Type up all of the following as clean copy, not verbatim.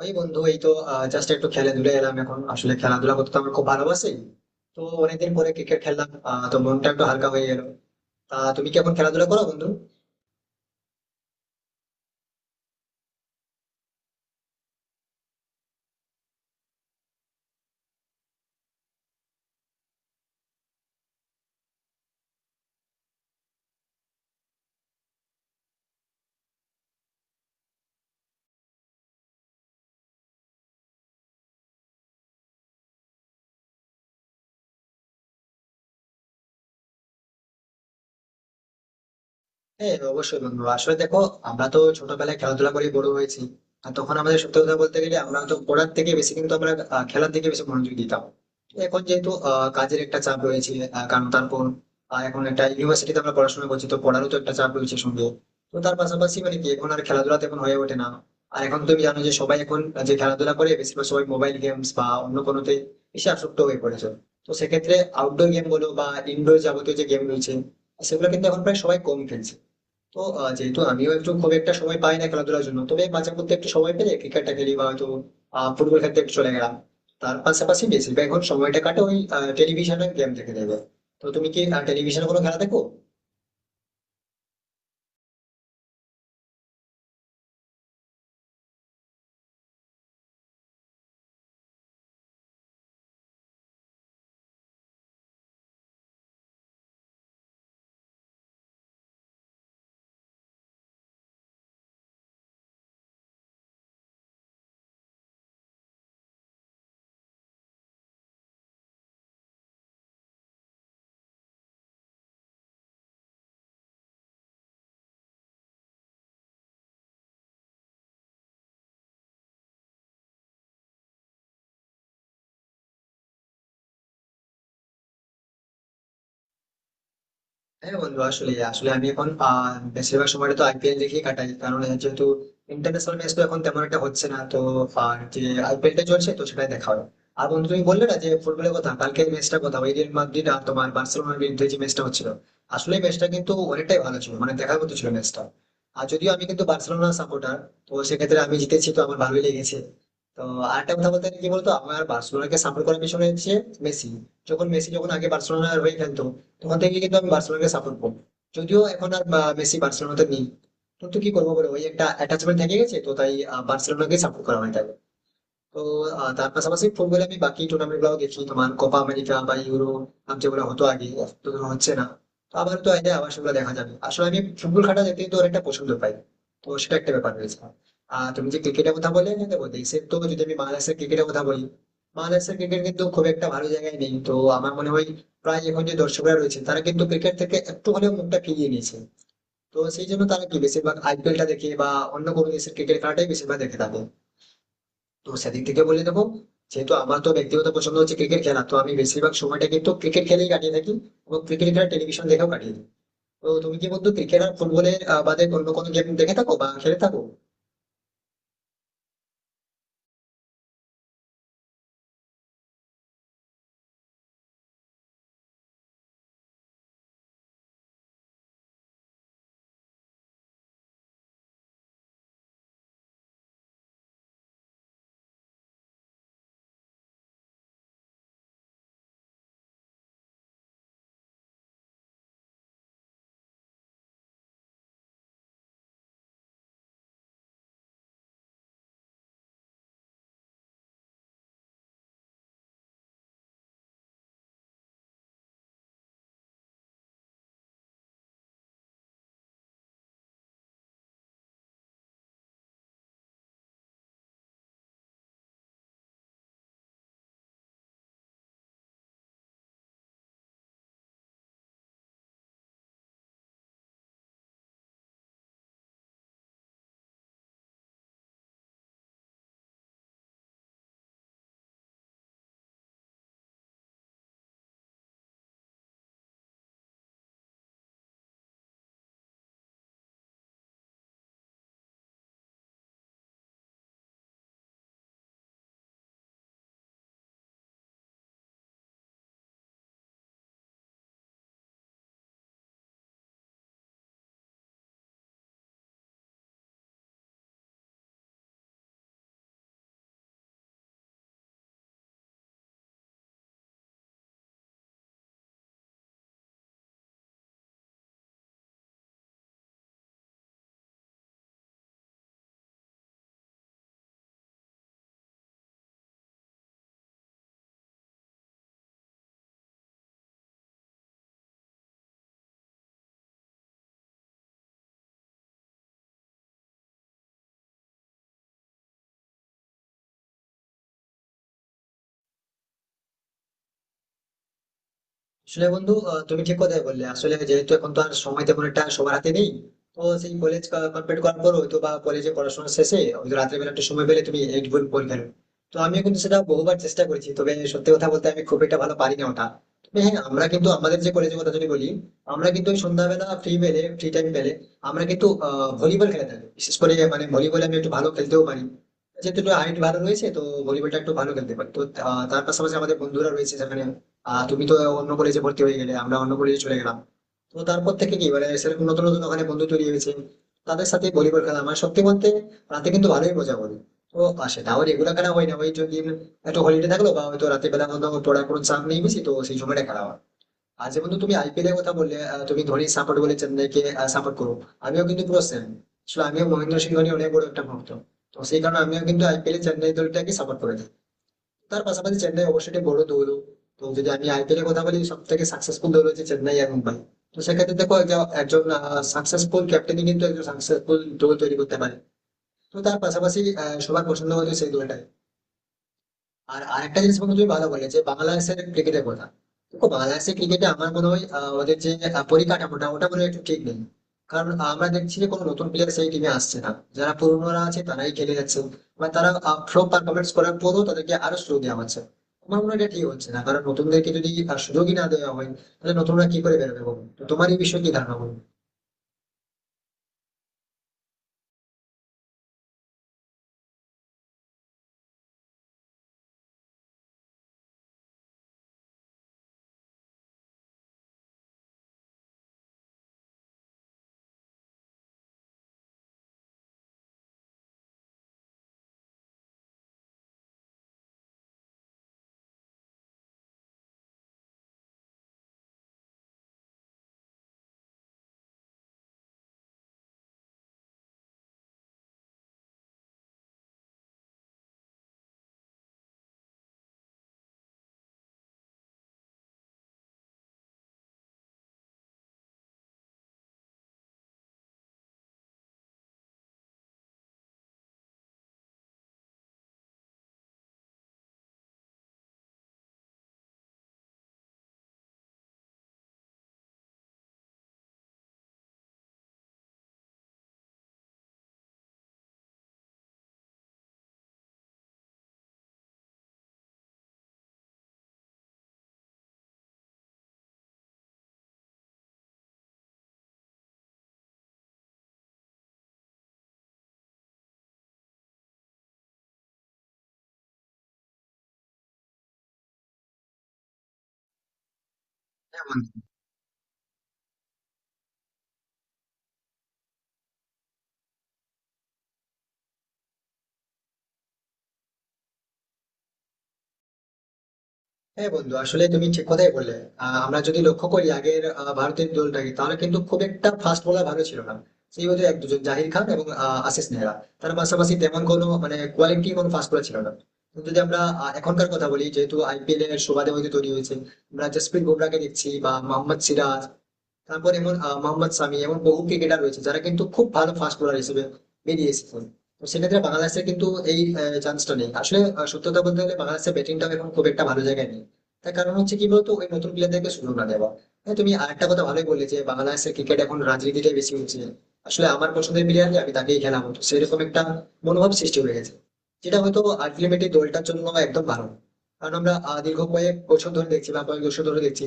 ওই বন্ধু, এই তো জাস্ট একটু খেলে ধুলে এলাম। এখন আসলে খেলাধুলা করতে তো আমার খুব ভালোবাসি। তো অনেকদিন পরে ক্রিকেট খেললাম। তো মনটা একটু হালকা হয়ে গেল। তা তুমি কি এখন খেলাধুলা করো বন্ধু? হ্যাঁ, অবশ্যই বন্ধু। আসলে দেখো, আমরা তো ছোটবেলায় খেলাধুলা করে বড় হয়েছি। আর তখন আমাদের সত্যি কথা বলতে গেলে, আমরা তো পড়ার থেকে বেশি কিন্তু আমরা খেলার দিকে বেশি মনোযোগ দিতাম। তো এখন যেহেতু কাজের একটা চাপ রয়েছে, কারণ তারপর এখন একটা ইউনিভার্সিটিতে আমরা পড়াশোনা করছি, তো পড়ারও তো একটা চাপ রয়েছে সঙ্গে। তো তার পাশাপাশি মানে কি এখন আর খেলাধুলা তেমন হয়ে ওঠে না। আর এখন তুমি জানো যে সবাই এখন, যে খেলাধুলা করে বেশিরভাগ সবাই মোবাইল গেমস বা অন্য কোনোতে বেশি আসক্ত হয়ে পড়েছে। তো সেক্ষেত্রে আউটডোর গেম বলো বা ইনডোর, যাবতীয় যে গেম রয়েছে সেগুলো কিন্তু এখন প্রায় সবাই কম খেলছে। তো যেহেতু আমিও একটু খুব একটা সময় পাই না খেলাধুলার জন্য, তবে মাঝে মধ্যে একটু সময় পেলে ক্রিকেটটা খেলি বা হয়তো ফুটবল খেলতে একটু চলে গেলাম। তার পাশাপাশি বেশিরভাগ এখন সময়টা কাটে ওই টেলিভিশনে গেম দেখে দেবে। তো তুমি কি টেলিভিশনে কোনো খেলা দেখো? হ্যাঁ বন্ধু, আসলে আসলে আমি এখন বেশিরভাগ সময়টা তো আইপিএল দেখেই কাটাই, কারণ এর যেহেতু ইন্টারন্যাশনাল ম্যাচ তো এখন তেমন একটা হচ্ছে না। তো আর যে আইপিএলটা চলছে তো সেটাই দেখা হয়। আর বন্ধু তুমি বললে না যে ফুটবলের কথা, কালকের ম্যাচটা কথা, ওই রিয়াল মাদ্রিদ আর তোমার বার্সেলোনার বিরুদ্ধে যে ম্যাচটা হচ্ছিল, আসলে ম্যাচটা কিন্তু অনেকটাই ভালো ছিল, মানে দেখার মতো ছিল ম্যাচটা। আর যদিও আমি কিন্তু বার্সেলোনা সাপোর্টার, তো সেক্ষেত্রে আমি জিতেছি তো আমার ভালোই লেগেছে। তো আরেকটা কথা বলতে গেলে কি বলতো, আমার বার্সেলোনাকে সাপোর্ট করার পিছনে হচ্ছে মেসি। যখন মেসি আগে বার্সেলোনার হয়ে খেলতো, তখন থেকে কিন্তু আমি বার্সেলোনাকে সাপোর্ট করবো। যদিও এখন আর মেসি বার্সেলোনাতে নেই, কিন্তু কি করবো বলো, ওই একটা অ্যাটাচমেন্ট থেকে গেছে, তো তাই বার্সেলোনাকে সাপোর্ট করা হয় তাকে। তো তার পাশাপাশি ফুটবলে আমি বাকি টুর্নামেন্ট গুলো দেখি, তোমার কোপা আমেরিকা বা ইউরো, যেগুলো হতো আগে, এখন তো ধরো হচ্ছে না। তো আবার তো এলে আবার সেগুলো দেখা যাবে। আসলে আমি ফুটবল খেলা দেখতে কিন্তু অনেকটা পছন্দ পাই, তো সেটা একটা ব্যাপার রয়েছে। আর তুমি যে ক্রিকেটের কথা বলে, দেখো দেশের তো, যদি আমি বাংলাদেশের ক্রিকেটের কথা বলি, বাংলাদেশের ক্রিকেট কিন্তু খুব একটা ভালো জায়গায় নেই। তো আমার মনে হয় প্রায় এখন যে দর্শকরা রয়েছে তারা কিন্তু ক্রিকেট থেকে একটু হলেও মুখটা ফিরিয়ে নিয়েছে। তো সেই জন্য তারা কি বেশিরভাগ আইপিএলটা দেখে বা অন্য কোনো দেশের ক্রিকেট খেলাটাই বেশিরভাগ দেখে থাকে। তো সেদিক থেকে বলে দেবো, যেহেতু আমার তো ব্যক্তিগত পছন্দ হচ্ছে ক্রিকেট খেলা, তো আমি বেশিরভাগ সময়টা কিন্তু ক্রিকেট খেলেই কাটিয়ে থাকি এবং ক্রিকেট খেলা টেলিভিশন দেখেও কাটিয়ে দিই। তো তুমি কি বন্ধু ক্রিকেট আর ফুটবলের বাদে অন্য কোনো গেম দেখে থাকো বা খেলে থাকো? আসলে বন্ধু, তুমি ঠিক কথাই বললে। আসলে যেহেতু এখন তো আর সময় তেমন একটা সবার হাতে নেই, তো সেই কলেজ কমপ্লিট করার পর হয়তো বা কলেজে পড়াশোনা শেষে হয়তো রাতের বেলা একটু সময় পেলে তুমি এইট বই পরীক্ষা দেবে। তো আমিও কিন্তু সেটা বহুবার চেষ্টা করেছি, তবে সত্যি কথা বলতে আমি খুব একটা ভালো পারি না ওটা। তবে হ্যাঁ, আমরা কিন্তু আমাদের যে কলেজের কথা যদি বলি, আমরা কিন্তু ওই সন্ধ্যাবেলা ফ্রি পেলে, ফ্রি টাইম পেলে আমরা কিন্তু ভলিবল খেলে থাকি। বিশেষ করে মানে ভলিবল আমি একটু ভালো খেলতেও পারি, যেহেতু একটু হাইট ভালো রয়েছে, তো ভলিবলটা একটু ভালো খেলতে পারি। তো তার পাশাপাশি আমাদের বন্ধুরা রয়েছে সেখানে। তুমি তো অন্য কলেজে ভর্তি হয়ে গেলে, আমরা অন্য কলেজে চলে গেলাম। তো তারপর থেকে কি মানে সেরকম নতুন নতুন ওখানে বন্ধু তৈরি হয়েছে, তাদের সাথে ভলিবল খেলা মানে সত্যি বলতে রাতে কিন্তু ভালোই মজা করে। তো আর সেটাও রেগুলার খেলা হয় না, ওই যদি একটু হলিডে থাকলো বা হয়তো রাতে বেলা মধ্যে পড়ার কোনো চাপ নেই বেশি, তো সেই সময়টা খেলা হয়। আর যেমন তুমি আইপিএল এর কথা বললে, তুমি ধোনি সাপোর্ট বলে চেন্নাইকে সাপোর্ট করো, আমিও কিন্তু পুরো সেম। আসলে আমিও মহেন্দ্র সিং ধোনি অনেক বড় একটা ভক্ত, তো সেই কারণে আমিও কিন্তু আইপিএল এ চেন্নাই দলটাকে সাপোর্ট করে থাকি। তার পাশাপাশি চেন্নাই অবশ্যই একটি বড় দৌড়। তো যদি আমি আইপিএল এর কথা বলি, সব থেকে সাকসেসফুল দৌড় হচ্ছে চেন্নাই এখন পাই। তো সেক্ষেত্রে দেখো একজন সাকসেসফুল ক্যাপ্টেনই কিন্তু একজন সাকসেসফুল দৌড় তৈরি করতে পারে। তো তার পাশাপাশি সবার পছন্দ হতো সেই দলটাই। আর আরেকটা জিনিস বন্ধু তুমি ভালো বলে যে বাংলাদেশের ক্রিকেটের কথা, দেখো বাংলাদেশের ক্রিকেটে আমার মনে হয় ওদের যে পরিকাঠামোটা ওটা মনে হয় একটু ঠিক নেই। কারণ আমরা দেখছি যে কোনো নতুন প্লেয়ার সেই টিমে আসছে না, যারা পুরনোরা আছে তারাই খেলে যাচ্ছে। মানে তারা ফ্লপ পারফরমেন্স করার পরও তাদেরকে আরো সুযোগ দেওয়া হচ্ছে। আমার মনে হয় এটা ঠিক হচ্ছে না, কারণ নতুনদেরকে যদি সুযোগই না দেওয়া হয়, তাহলে নতুনরা কি করে বেরোবে বলো? তো তোমার এই বিষয়ে কি ধারণা বলো? হ্যাঁ বন্ধু, হ্যাঁ বন্ধু, আসলে তুমি ঠিক কথাই বললে। আমরা যদি লক্ষ্য করি আগের ভারতের দলটাকে, তাহলে কিন্তু খুব একটা ফাস্ট বোলার ভালো ছিল না। সেই বোধহয় এক দুজন জাহির খান এবং আশিস নেহরা, তার পাশাপাশি তেমন কোনো মানে কোয়ালিটি কোনো ফাস্ট বোলার ছিল না। কিন্তু যদি আমরা এখনকার কথা বলি, যেহেতু আইপিএল এর সুবাদে হয়তো তৈরি হয়েছে, আমরা জসপ্রীত বুমরাকে দেখছি বা মোহাম্মদ সিরাজ, তারপর এমন মোহাম্মদ সামি, এমন বহু ক্রিকেটার রয়েছে যারা কিন্তু খুব ভালো ফাস্ট বোলার হিসেবে বেরিয়ে এসেছেন। তো সেক্ষেত্রে বাংলাদেশের কিন্তু এই চান্সটা নেই। আসলে সত্যতা বলতে গেলে বাংলাদেশের ব্যাটিংটাও এখন খুব একটা ভালো জায়গায় নেই। তার কারণ হচ্ছে কি বলতো, ওই নতুন প্লেয়ারদেরকে সুযোগ না দেওয়া। হ্যাঁ, তুমি আরেকটা কথা ভালোই বললে যে বাংলাদেশের ক্রিকেট এখন রাজনীতিটাই বেশি হচ্ছে। আসলে আমার পছন্দের প্লেয়ার আমি তাকেই খেলা হতো, সেরকম একটা মনোভাব সৃষ্টি হয়ে গেছে, যেটা হয়তো আলটিমেটলি দলটার জন্য একদম ভালো না। কারণ আমরা দীর্ঘ কয়েক বছর ধরে দেখছি বা কয়েক বছর ধরে দেখছি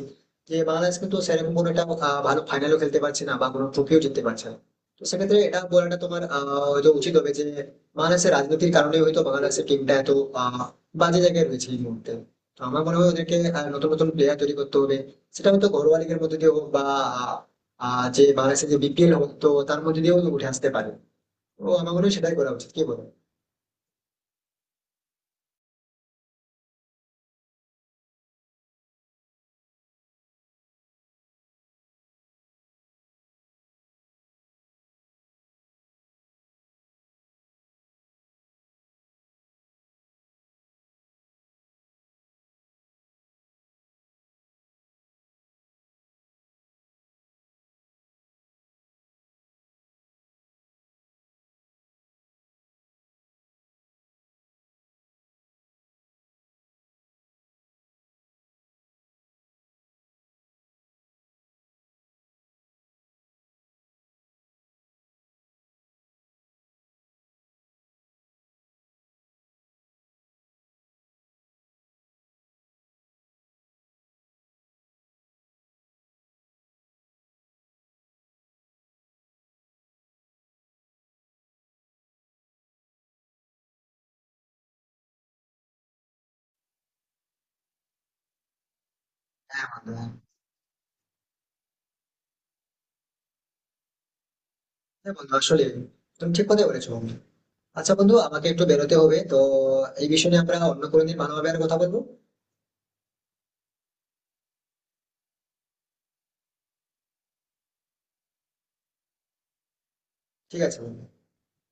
যে বাংলাদেশ কিন্তু সেরকম কোনো একটা ভালো ফাইনালও খেলতে পারছে না বা কোনো ট্রফিও জিততে পারছে না। তো সেক্ষেত্রে এটা বলাটা তোমার হয়তো উচিত হবে যে বাংলাদেশের রাজনীতির কারণে হয়তো বাংলাদেশের টিমটা এত আহ, বাজে জায়গায় রয়েছে এই মুহূর্তে। তো আমার মনে হয় ওদেরকে নতুন নতুন প্লেয়ার তৈরি করতে হবে, সেটা হয়তো ঘরোয়া লিগের মধ্যে দিয়ে হোক বা আহ, যে বাংলাদেশের যে বিপিএল হোক, তো তার মধ্যে দিয়েও উঠে আসতে পারে। তো আমার মনে হয় সেটাই করা উচিত, কি বলো? হ্যাঁ বন্ধু, হ্যাঁ। হ্যাঁ বন্ধু, আসলে তুমি ঠিক কথাই বলেছো বন্ধু। আচ্ছা বন্ধু, আমাকে একটু বেরোতে হবে, তো এই বিষয়ে নিয়ে আমরা অন্য কোনো দিন ভালোভাবে আর কথা বলবো। ঠিক আছে বন্ধু।